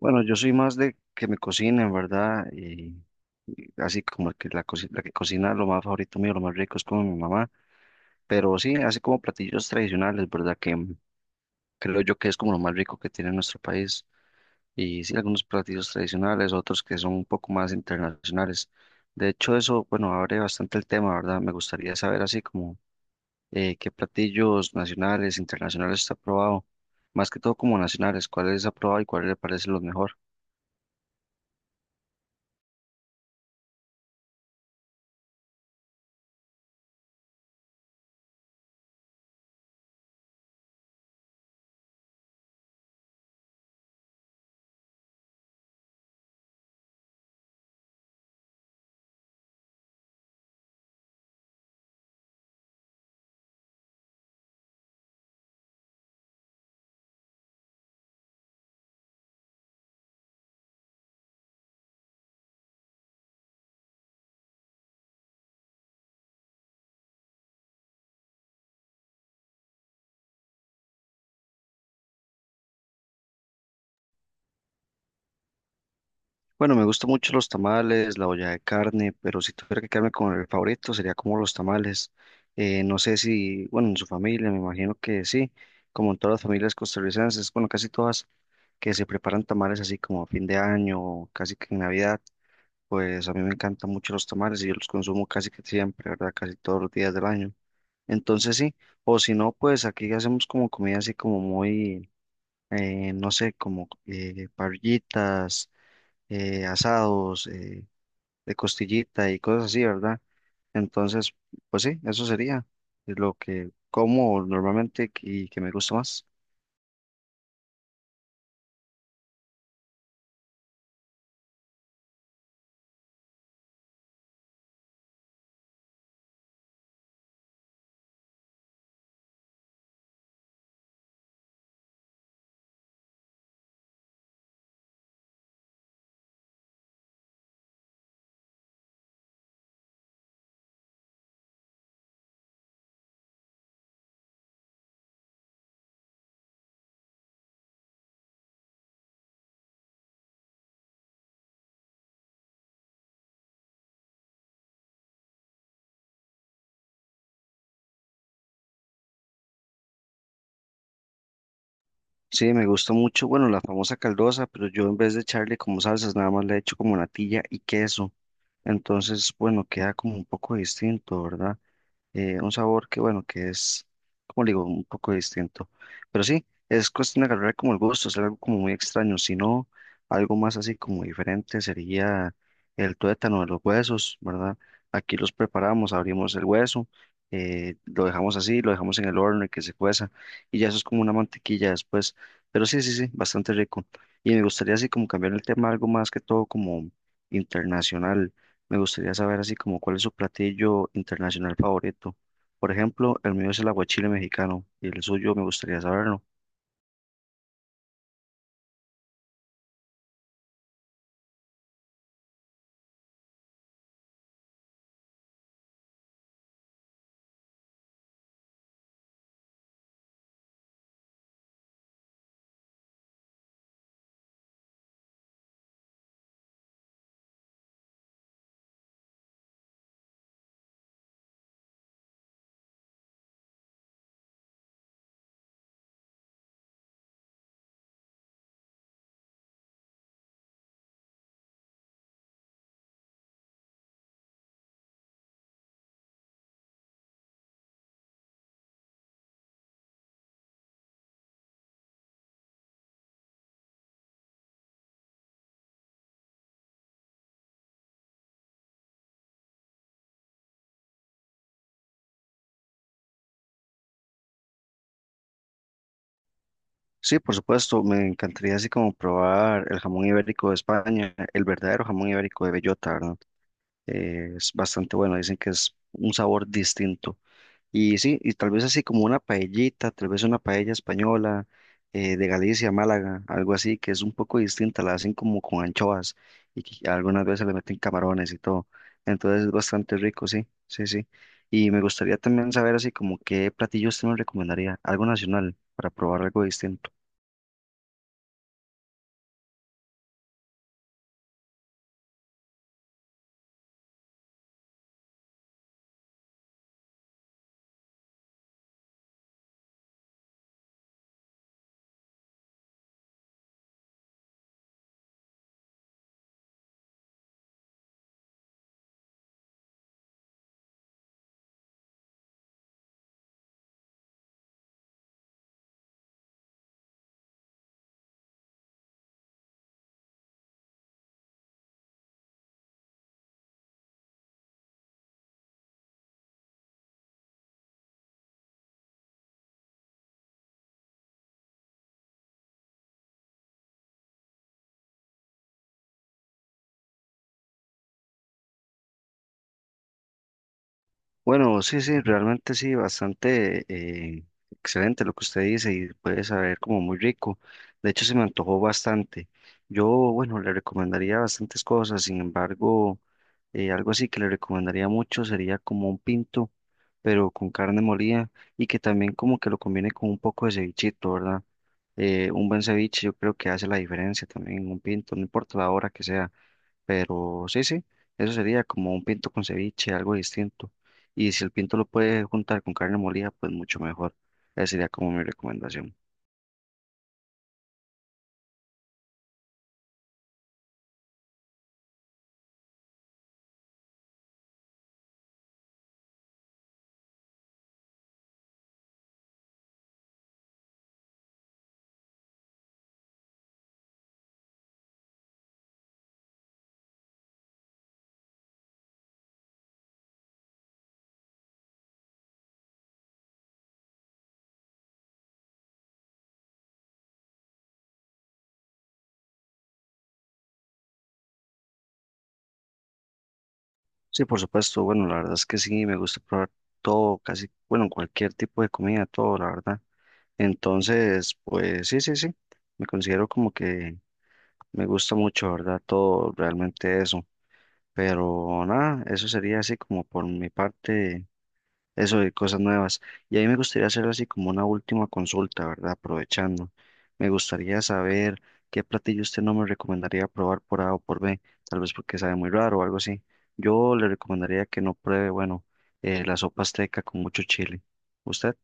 Bueno, yo soy más de que me cocinen, ¿verdad? Y así como que la que cocina lo más favorito mío, lo más rico es como mi mamá. Pero sí, así como platillos tradicionales, ¿verdad? Creo yo que es como lo más rico que tiene nuestro país. Y sí, algunos platillos tradicionales, otros que son un poco más internacionales. De hecho, eso, bueno, abre bastante el tema, ¿verdad? Me gustaría saber así como qué platillos nacionales, internacionales está probado. Más que todo como nacionales, cuáles ha probado y cuáles le parecen los mejor. Bueno, me gustan mucho los tamales, la olla de carne, pero si tuviera que quedarme con el favorito sería como los tamales. No sé si, bueno, en su familia, me imagino que sí, como en todas las familias costarricenses, bueno, casi todas, que se preparan tamales así como a fin de año, casi que en Navidad, pues a mí me encantan mucho los tamales y yo los consumo casi que siempre, ¿verdad? Casi todos los días del año. Entonces sí, o si no, pues aquí hacemos como comida así como muy, no sé, como parrillitas asados, de costillita y cosas así, ¿verdad? Entonces, pues sí, eso sería lo que como normalmente y que me gusta más. Sí, me gusta mucho, bueno, la famosa caldosa, pero yo en vez de echarle como salsas, nada más le echo como natilla y queso. Entonces, bueno, queda como un poco distinto, ¿verdad? Un sabor que, bueno, que es, como le digo, un poco distinto. Pero sí, es cuestión de agarrar como el gusto, es algo como muy extraño. Si no, algo más así como diferente sería el tuétano de los huesos, ¿verdad? Aquí los preparamos, abrimos el hueso, lo dejamos así, lo dejamos en el horno y que se cueza, y ya eso es como una mantequilla después. Pero sí, sí, sí, bastante rico. Y me gustaría así como cambiar el tema algo más que todo como internacional. Me gustaría saber así como cuál es su platillo internacional favorito. Por ejemplo, el mío es el aguachile mexicano y el suyo me gustaría saberlo. Sí, por supuesto, me encantaría así como probar el jamón ibérico de España, el verdadero jamón ibérico de bellota, ¿verdad? Es bastante bueno, dicen que es un sabor distinto. Y sí, y tal vez así como una paellita, tal vez una paella española de Galicia, Málaga, algo así, que es un poco distinta, la hacen como con anchoas y que algunas veces le meten camarones y todo. Entonces es bastante rico, sí, sí, sí. Y me gustaría también saber así como qué platillos usted me recomendaría, algo nacional, para probar algo distinto. Bueno, sí, sí, realmente sí, bastante excelente lo que usted dice y puede saber como muy rico. De hecho, se me antojó bastante. Yo, bueno, le recomendaría bastantes cosas, sin embargo, algo así que le recomendaría mucho sería como un pinto, pero con carne molida y que también como que lo combine con un poco de cevichito, ¿verdad? Un buen ceviche yo creo que hace la diferencia también, en un pinto, no importa la hora que sea. Pero sí, sí, eso sería como un pinto con ceviche, algo distinto. Y si el pinto lo puede juntar con carne molida, pues mucho mejor. Esa sería como mi recomendación. Sí, por supuesto, bueno, la verdad es que sí, me gusta probar todo, casi, bueno, cualquier tipo de comida, todo, la verdad. Entonces, pues sí, sí, sí, me considero como que me gusta mucho, ¿verdad? Todo realmente eso. Pero nada, eso sería así como por mi parte eso de cosas nuevas. Y ahí me gustaría hacer así como una última consulta, ¿verdad? Aprovechando. Me gustaría saber qué platillo usted no me recomendaría probar por A o por B, tal vez porque sabe muy raro o algo así. Yo le recomendaría que no pruebe, bueno, la sopa azteca con mucho chile. ¿Usted?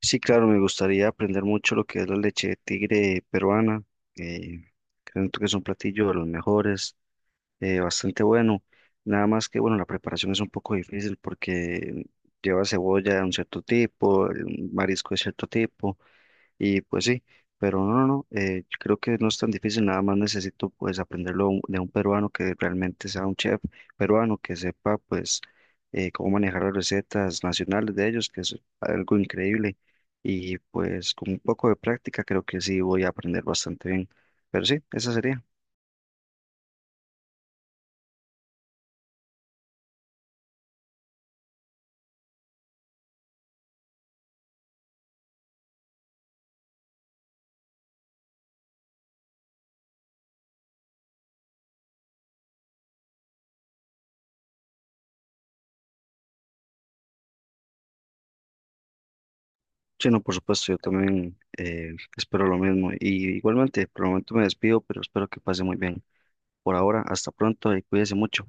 Sí, claro, me gustaría aprender mucho lo que es la leche de tigre peruana. Eh, Creo que es un platillo de los mejores. Bastante bueno. Nada más que, bueno, la preparación es un poco difícil porque lleva cebolla de un cierto tipo, el marisco de cierto tipo, y pues sí, pero no, no, no, yo creo que no es tan difícil, nada más necesito pues aprenderlo de un peruano que realmente sea un chef peruano, que sepa pues cómo manejar las recetas nacionales de ellos, que es algo increíble, y pues con un poco de práctica creo que sí voy a aprender bastante bien, pero sí, esa sería. Sí, no, por supuesto, yo también espero lo mismo. Y igualmente, por el momento me despido, pero espero que pase muy bien. Por ahora, hasta pronto y cuídese mucho.